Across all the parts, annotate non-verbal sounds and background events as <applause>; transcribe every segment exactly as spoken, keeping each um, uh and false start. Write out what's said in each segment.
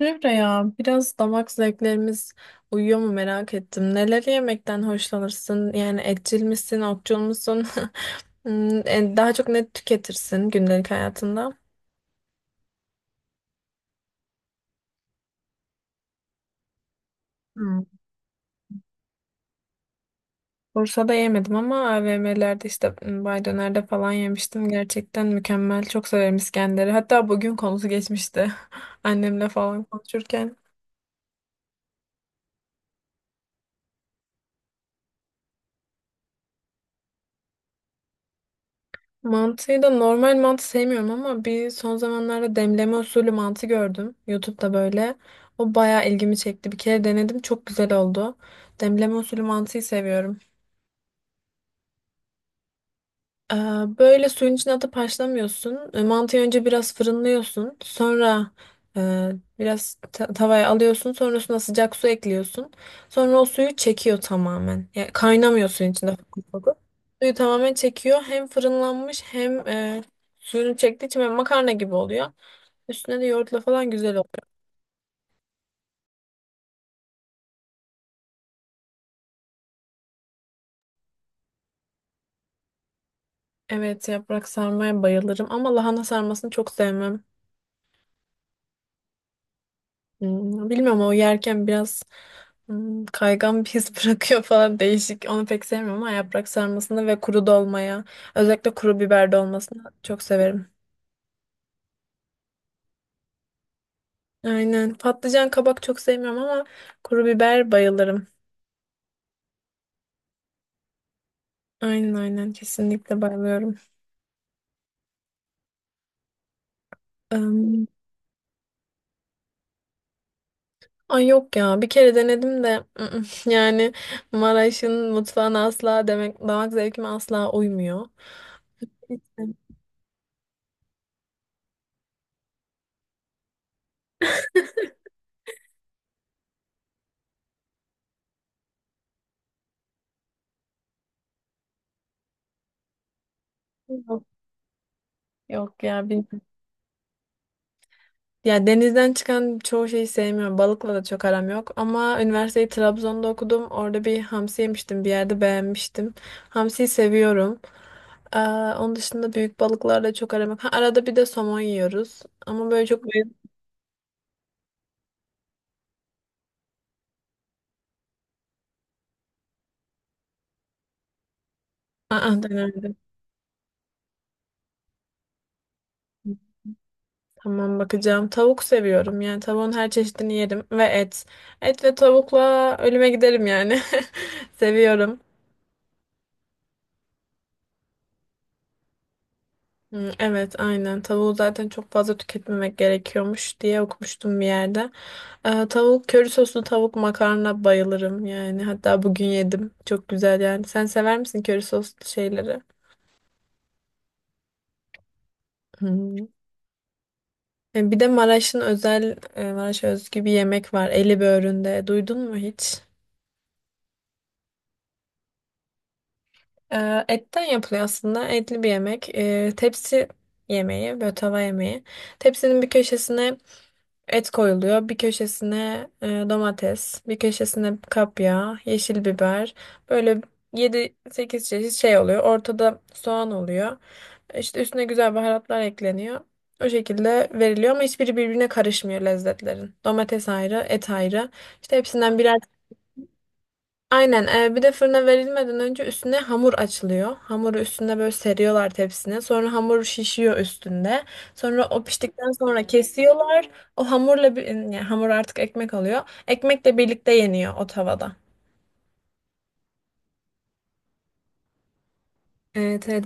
Emre ya biraz damak zevklerimiz uyuyor mu merak ettim. Neleri yemekten hoşlanırsın? Yani etçil misin, otçul musun? <laughs> Hmm, e, Daha çok ne tüketirsin gündelik hayatında? Hmm. Bursa'da yemedim ama A V M'lerde işte hmm, Bay Döner'de falan yemiştim. Gerçekten mükemmel. Çok severim İskender'i. Hatta bugün konusu geçmişti. <laughs> Annemle falan konuşurken. Mantıyı da normal mantı sevmiyorum ama bir son zamanlarda demleme usulü mantı gördüm. YouTube'da böyle. O bayağı ilgimi çekti. Bir kere denedim. Çok güzel oldu. Demleme usulü mantıyı seviyorum. Ee, Böyle suyun içine atıp haşlamıyorsun. E, Mantıyı önce biraz fırınlıyorsun. Sonra e, biraz ta- tavaya alıyorsun. Sonrasında sıcak su ekliyorsun. Sonra o suyu çekiyor tamamen. Yani kaynamıyor suyun içinde, fokur fokur. Suyu tamamen çekiyor. Hem fırınlanmış hem e, suyunu çektiği için böyle makarna gibi oluyor. Üstüne de yoğurtla falan güzel oluyor. Evet, yaprak sarmaya bayılırım ama lahana sarmasını çok sevmem. Hmm, Bilmiyorum, o yerken biraz Hmm, kaygan bir his <laughs> bırakıyor falan, değişik. Onu pek sevmiyorum ama yaprak sarmasını ve kuru dolmaya, özellikle kuru biber dolmasını çok severim. Aynen. Patlıcan, kabak çok sevmiyorum ama kuru biber bayılırım. Aynen aynen kesinlikle bayılıyorum. Im, ay, yok ya, bir kere denedim de <laughs> yani Maraş'ın mutfağına asla, demek damak zevkime asla uymuyor. İşte, Yok, yok ya ya, denizden çıkan çoğu şeyi sevmiyorum. Balıkla da çok aram yok. Ama üniversiteyi Trabzon'da okudum. Orada bir hamsi yemiştim. Bir yerde beğenmiştim. Hamsiyi seviyorum. Ee, onun dışında büyük balıklarla çok aram yok. Ha, arada bir de somon yiyoruz. Ama böyle çok... Aa, denemedim. Tamam, bakacağım. Tavuk seviyorum. Yani tavuğun her çeşidini yerim. Ve et. Et ve tavukla ölüme giderim yani. <laughs> Seviyorum. Hı, evet, aynen. Tavuğu zaten çok fazla tüketmemek gerekiyormuş diye okumuştum bir yerde. Ee, tavuk, köri soslu tavuk makarna bayılırım yani. Hatta bugün yedim. Çok güzel yani. Sen sever misin köri soslu şeyleri? Hı. E, Bir de Maraş'ın özel, e, Maraş'a özgü bir yemek var. Eli böğründe. Duydun mu hiç? Ee, etten yapılıyor aslında. Etli bir yemek. Ee, tepsi yemeği, böyle tava yemeği. Tepsinin bir köşesine et koyuluyor. Bir köşesine e, domates, bir köşesine kapya, yeşil biber. Böyle yedi sekiz çeşit şey oluyor. Ortada soğan oluyor. İşte üstüne güzel baharatlar ekleniyor. O şekilde veriliyor ama hiçbiri birbirine karışmıyor lezzetlerin. Domates ayrı, et ayrı. İşte hepsinden birer. Aynen. e, bir de fırına verilmeden önce üstüne hamur açılıyor. Hamuru üstüne böyle seriyorlar tepsine. Sonra hamur şişiyor üstünde. Sonra o piştikten sonra kesiyorlar. O hamurla bir, yani hamur artık ekmek oluyor. Ekmekle birlikte yeniyor o tavada. Evet, evet.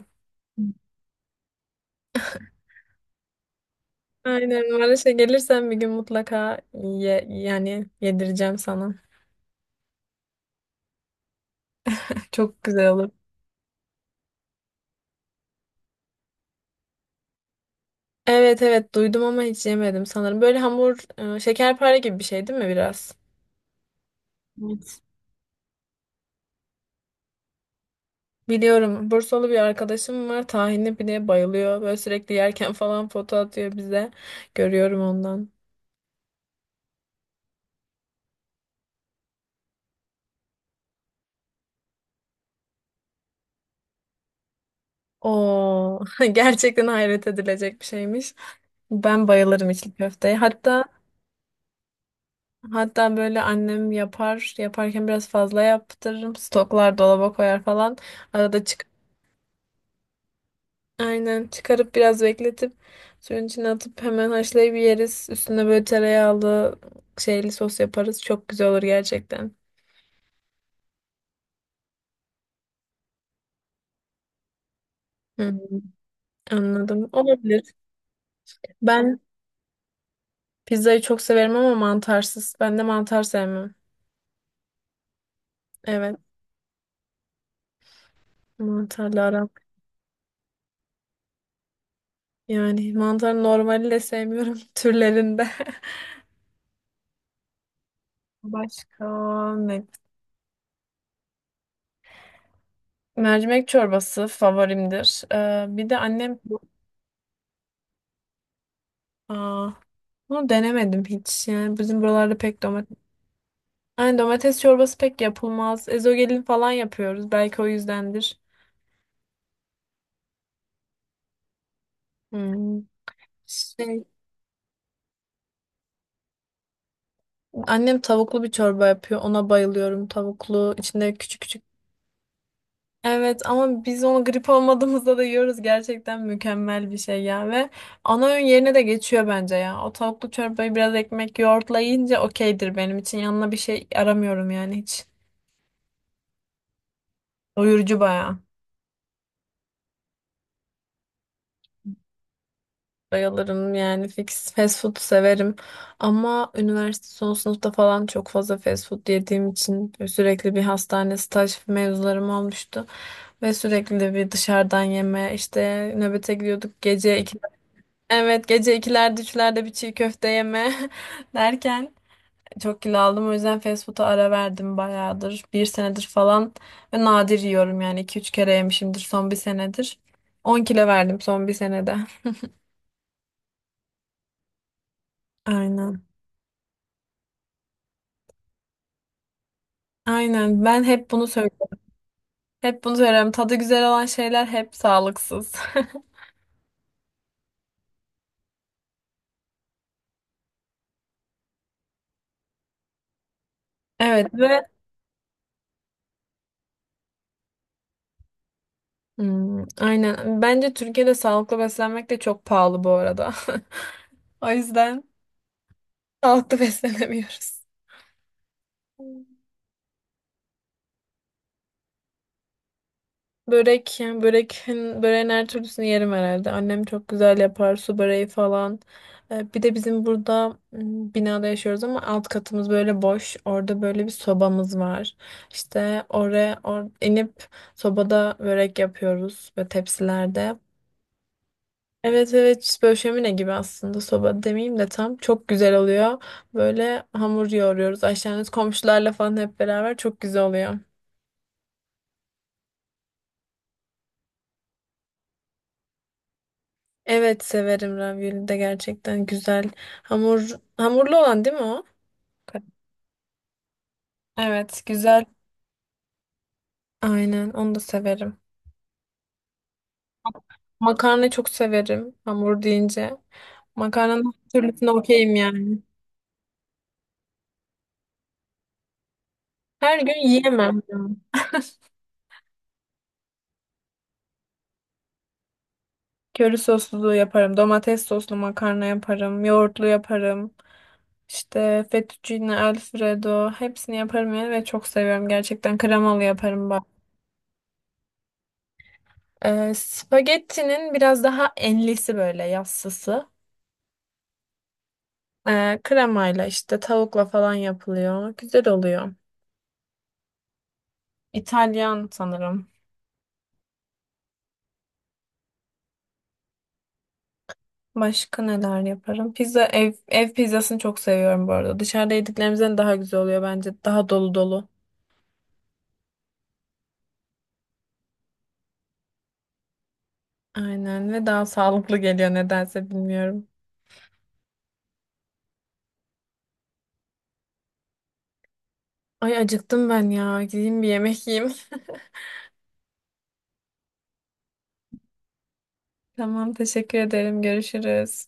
Aynen. Maraş'a gelirsen bir gün mutlaka ye, yani yedireceğim sana. <laughs> Çok güzel olur. Evet, evet, duydum ama hiç yemedim sanırım. Böyle hamur, e, şekerpare gibi bir şey değil mi biraz? Evet. Biliyorum. Bursalı bir arkadaşım var. Tahinli pideye bayılıyor. Böyle sürekli yerken falan foto atıyor bize. Görüyorum ondan. Oo, <laughs> gerçekten hayret edilecek bir şeymiş. Ben bayılırım içli köfteye. Hatta hatta böyle annem yapar. Yaparken biraz fazla yaptırırım. Stoklar dolaba koyar falan. Arada çık aynen çıkarıp biraz bekletip suyun içine atıp hemen haşlayıp yeriz. Üstüne böyle tereyağlı şeyli sos yaparız. Çok güzel olur gerçekten. Hı. Anladım. Olabilir. Ben pizzayı çok severim ama mantarsız. Ben de mantar sevmem. Evet. Mantarlı aram. Yani mantar normali de sevmiyorum <laughs> türlerinde. <laughs> Başka ne? Mercimek çorbası favorimdir. Ee, bir de annem... Aa, bunu denemedim hiç. Yani bizim buralarda pek domates. Yani domates çorbası pek yapılmaz. Ezogelin falan yapıyoruz. Belki o yüzdendir. Hmm. Şey, annem tavuklu bir çorba yapıyor. Ona bayılıyorum. Tavuklu, içinde küçük küçük. Evet ama biz onu grip olmadığımızda da yiyoruz. Gerçekten mükemmel bir şey ya, ve ana öğün yerine de geçiyor bence ya. O tavuklu çorbayı biraz ekmek yoğurtla yiyince okeydir benim için. Yanına bir şey aramıyorum yani hiç. Doyurucu bayağı. Bayılırım yani, fix fast food severim ama üniversite son sınıfta falan çok fazla fast food yediğim için sürekli bir hastane staj mevzularım olmuştu ve sürekli de bir dışarıdan yeme, işte nöbete gidiyorduk gece iki, evet gece ikilerde üçlerde bir çiğ köfte yeme <laughs> derken çok kilo aldım, o yüzden fast food'a ara verdim bayağıdır, bir senedir falan, ve nadir yiyorum yani iki üç kere yemişimdir son bir senedir, on kilo verdim son bir senede. Aynen. Aynen, ben hep bunu söylüyorum. Hep bunu söylerim. Tadı güzel olan şeyler hep sağlıksız. <laughs> Evet, ve Hmm, aynen. Bence Türkiye'de sağlıklı beslenmek de çok pahalı bu arada. <laughs> O yüzden sağlıklı <laughs> beslenemiyoruz. Börek, yani börekin, böreğin her türlüsünü yerim herhalde. Annem çok güzel yapar, su böreği falan. Ee, Bir de bizim burada m, binada yaşıyoruz ama alt katımız böyle boş. Orada böyle bir sobamız var. İşte oraya or inip sobada börek yapıyoruz ve tepsilerde. Evet, evet, işte böyle şömine gibi aslında, soba demeyeyim de, tam çok güzel oluyor. Böyle hamur yoğuruyoruz aşağınız komşularla falan hep beraber, çok güzel oluyor. Evet, severim ravioli de, gerçekten güzel. Hamur hamurlu olan değil mi o? Evet güzel. Aynen onu da severim. Makarna çok severim hamur deyince. Makarnanın her türlüsüne okeyim yani. Her gün yiyemem yani. Köri soslu yaparım. Domates soslu makarna yaparım. Yoğurtlu yaparım. İşte fettuccine alfredo, hepsini yaparım yani ve çok seviyorum gerçekten, kremalı yaparım bak. Ee, spagettinin biraz daha enlisi, böyle yassısı. Ee, kremayla işte tavukla falan yapılıyor. Güzel oluyor. İtalyan sanırım. Başka neler yaparım? Pizza, ev ev pizzasını çok seviyorum bu arada. Dışarıda yediklerimizden daha güzel oluyor bence. Daha dolu dolu. Aynen, ve daha sağlıklı geliyor nedense bilmiyorum. Ay acıktım ben ya. Gideyim bir yemek yiyeyim. <laughs> Tamam, teşekkür ederim. Görüşürüz.